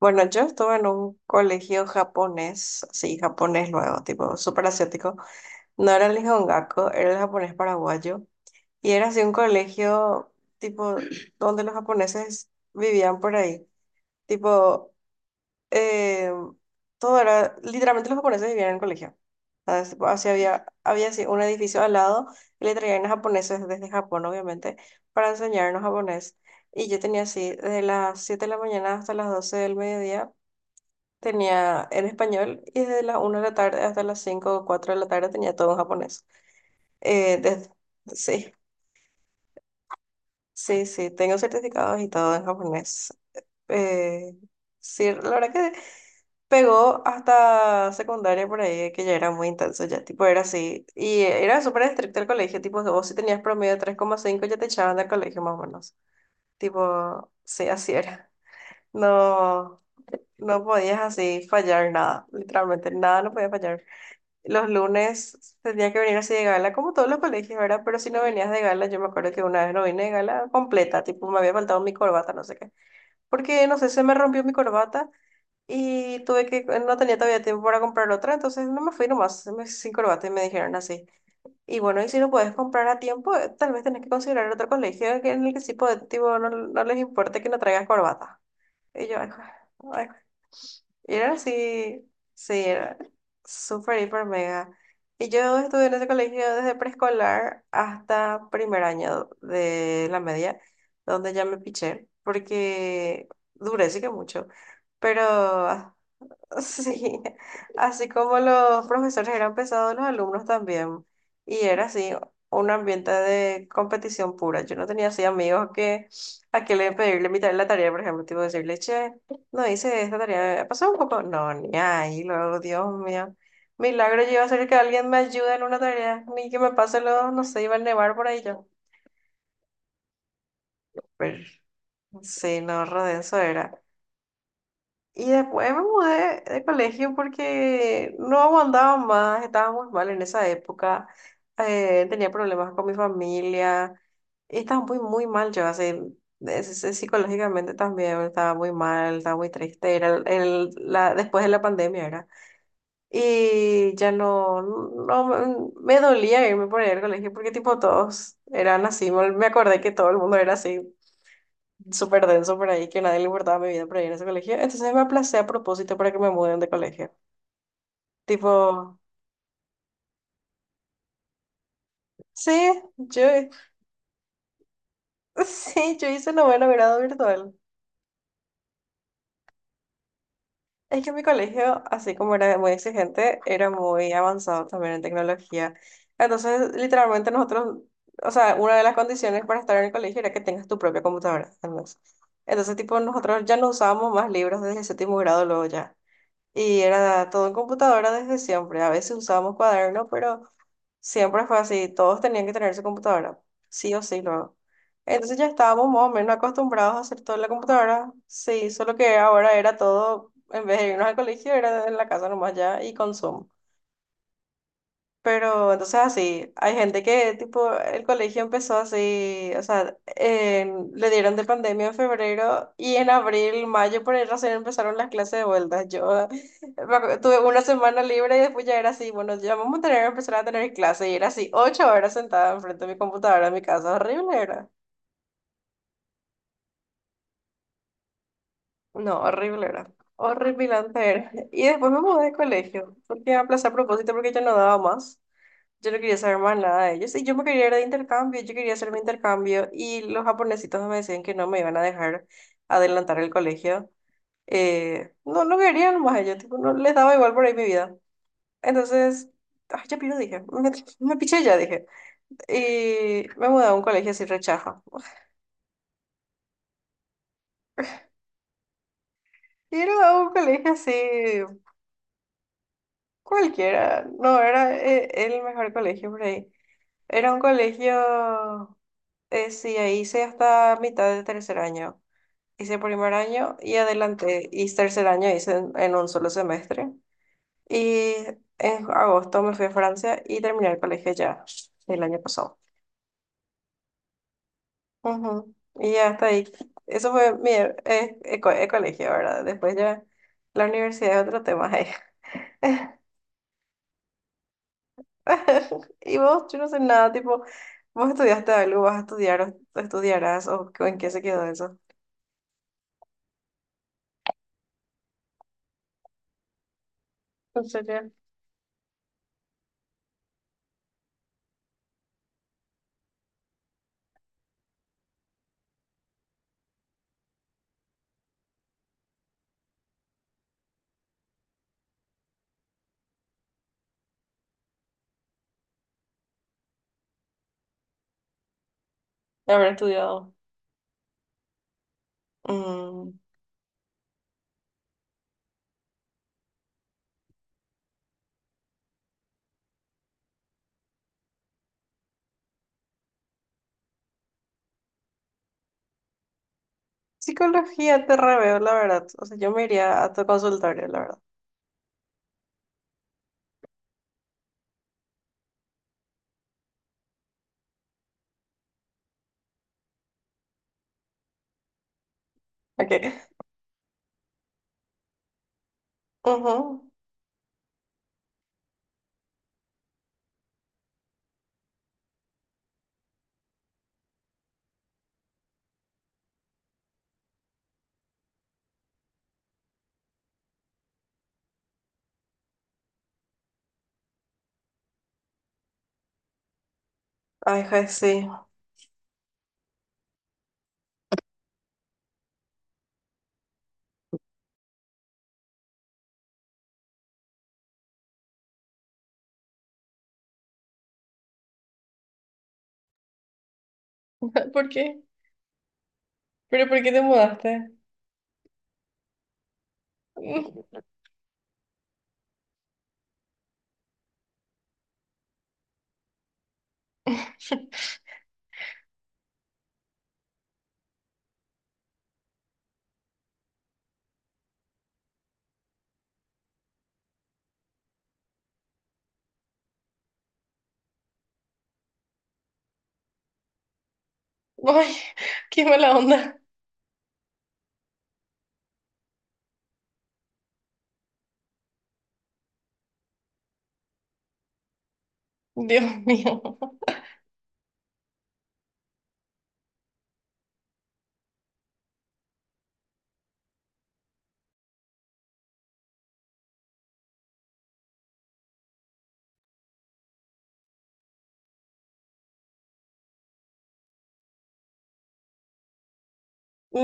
Bueno, yo estuve en un colegio japonés, sí, japonés luego, tipo súper asiático. No era el Nihongaku, era el japonés paraguayo. Y era así un colegio, tipo, donde los japoneses vivían por ahí. Tipo, eh, todo era, literalmente los japoneses vivían en el colegio. ¿Sabes? Tipo, así había así un edificio al lado y le traían a japoneses desde Japón, obviamente, para enseñarnos japonés. Y yo tenía así, de las 7 de la mañana hasta las 12 del mediodía tenía en español, y desde las una de la tarde hasta las 5 o 4 de la tarde tenía todo en japonés. Eh, des- sí, sí, sí, tengo certificados y todo en japonés. Eh, sí, la verdad que pegó hasta secundaria por ahí, que ya era muy intenso, ya tipo era así. Y era súper estricto el colegio, tipo, vos si tenías promedio de tres coma cinco ya te echaban del colegio más o menos. Tipo, sí, así era. No, no podías así fallar nada, literalmente, nada no podía fallar. Los lunes tendría que venir así de gala, como todos los colegios, ¿verdad? Pero si no venías de gala, yo me acuerdo que una vez no vine de gala completa, tipo me había faltado mi corbata, no sé qué. Porque, no sé, se me rompió mi corbata y tuve que, no tenía todavía tiempo para comprar otra, entonces no me fui nomás sin corbata y me dijeron así. Y bueno, y si no puedes comprar a tiempo, tal vez tenés que considerar otro colegio en el que sí puede, tipo, no, no les importe que no traigas corbata. Y yo, ay, y era así, sí, era súper, hiper mega. Y yo estuve en ese colegio desde preescolar hasta primer año de la media, donde ya me piché, porque duré sí que mucho, pero sí, así como los profesores eran pesados, los alumnos también. Y era así, un ambiente de competición pura. Yo no tenía así amigos que a que le pedirle mitad de la tarea, por ejemplo, tipo decirle, che, no hice esta tarea, pasó un poco. No, ni ahí, luego, Dios mío. Milagro yo iba a ser que alguien me ayude en una tarea, ni que me pase lo, no sé, iba a nevar por ahí yo. Pero, sí, no, Rodenso era. Y después me mudé de colegio porque no aguantaba más, estaba muy mal en esa época, tenía problemas con mi familia, y estaba muy, muy mal yo, así, psicológicamente también estaba muy mal, estaba muy triste, era después de la pandemia era. Y ya no, no, me dolía irme por ahí al colegio porque tipo todos eran así, me acordé que todo el mundo era así súper denso por ahí, que nadie le importaba mi vida por ahí en ese colegio. Entonces me aplacé a propósito para que me muden de colegio. Tipo, sí, yo, sí, yo hice noveno grado virtual. Es que mi colegio, así como era muy exigente, era muy avanzado también en tecnología. Entonces, literalmente nosotros, o sea, una de las condiciones para estar en el colegio era que tengas tu propia computadora, al menos. Entonces, tipo, nosotros ya no usábamos más libros desde el séptimo grado luego ya. Y era todo en computadora desde siempre. A veces usábamos cuaderno, pero siempre fue así. Todos tenían que tener su computadora, sí o sí luego. Entonces ya estábamos más o menos acostumbrados a hacer todo en la computadora. Sí, solo que ahora era todo, en vez de irnos al colegio, era en la casa nomás ya y con Zoom. Pero entonces así, hay gente que tipo el colegio empezó así, o sea, le dieron de pandemia en febrero y en abril, mayo por ahí recién empezaron las clases de vuelta. Yo tuve una semana libre y después ya era así, bueno, ya vamos a tener, empezar a tener clase y era así, ocho horas sentada enfrente de mi computadora en mi casa, horrible era. No, horrible era. Horripilante era. Y después me mudé de colegio, porque aplacé a propósito porque yo no daba más. Yo no quería saber más nada de ellos. Y yo me quería ir de intercambio, yo quería hacer mi intercambio. Y los japonesitos me decían que no me iban a dejar adelantar el colegio. No, no querían más ellos, tipo, no les daba igual por ahí mi vida. Entonces, ay, ya piro, dije. Me piché ya, dije. Y me mudé a un colegio así rechaza. Y era un colegio así cualquiera. No, era el mejor colegio por ahí. Era un colegio, sí, ahí hice hasta mitad de tercer año. Hice primer año y adelante hice tercer año, hice en un solo semestre. Y en agosto me fui a Francia y terminé el colegio ya el año pasado. Ujú. Y ya hasta ahí. Eso fue mi colegio, ¿verdad? Después ya la universidad es otro tema. Y vos, yo no sé nada, tipo, vos estudiaste algo, vas a estudiar o estudiarás o en qué se quedó eso. En serio. Haber estudiado. Mm. Psicología te reveo, la verdad. O sea, yo me iría a tu consultorio, la verdad. Ok. Ujú. Ay, ja, sí. ¿Por qué? ¿Pero por qué te mudaste? Ay, qué mala onda. Dios mío.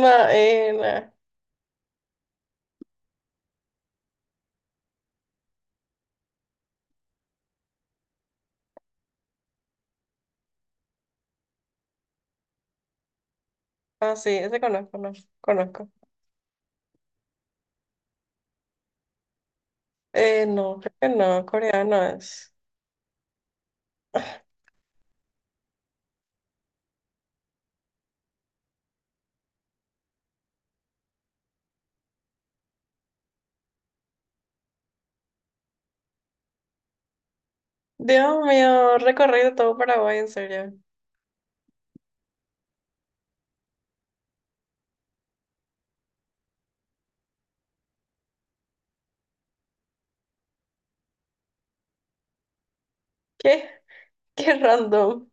Maena. Ah, sí, ese conozco, no, conozco. No, creo que no, coreano es. Dios mío, recorrido todo Paraguay, en serio. ¿Qué? Qué random.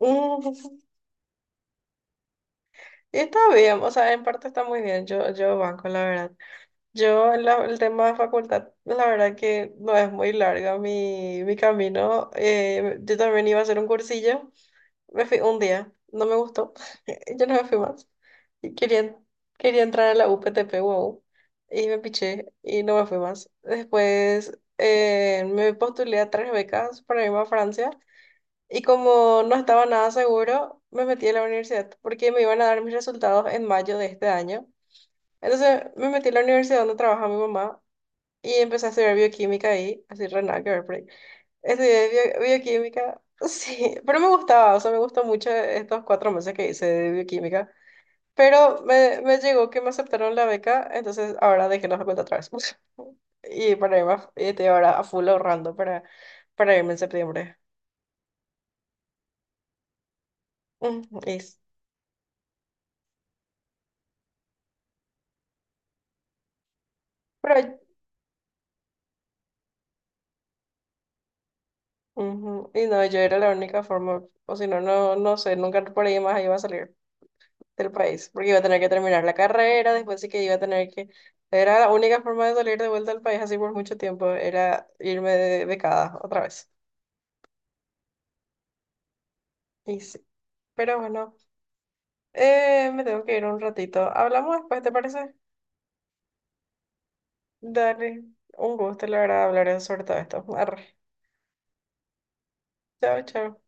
Mm. Está bien, o sea, en parte está muy bien, yo banco, la verdad. Yo, el tema de facultad, la verdad que no es muy larga mi camino. Yo también iba a hacer un cursillo. Me fui un día, no me gustó. Yo no me fui más. Y quería entrar a la UPTP, wow. Y me piché y no me fui más. Después me postulé a tres becas para irme a Francia. Y como no estaba nada seguro, me metí a la universidad porque me iban a dar mis resultados en mayo de este año. Entonces me metí a la universidad donde trabaja mi mamá y empecé a estudiar bioquímica ahí, así re nada que ver por ahí. Estudié bioquímica, sí, pero me gustaba, o sea, me gustó mucho estos cuatro meses que hice de bioquímica. Pero me llegó que me aceptaron la beca, entonces ahora dejé la facultad otra vez. Y para irme, y estoy ahora a full ahorrando para, irme en septiembre. Ujú, y pero, ujú, y no, yo era la única forma, o si no, no, no sé, nunca por ahí más iba a salir. Del país, porque iba a tener que terminar la carrera, después sí que iba a tener que... Era la única forma de salir de vuelta al país así por mucho tiempo, era irme de becada otra vez. Y sí, pero bueno, me tengo que ir un ratito. Hablamos después, ¿te parece? Dale, un gusto, la verdad, hablar sobre todo esto. Arre. Chao, chao.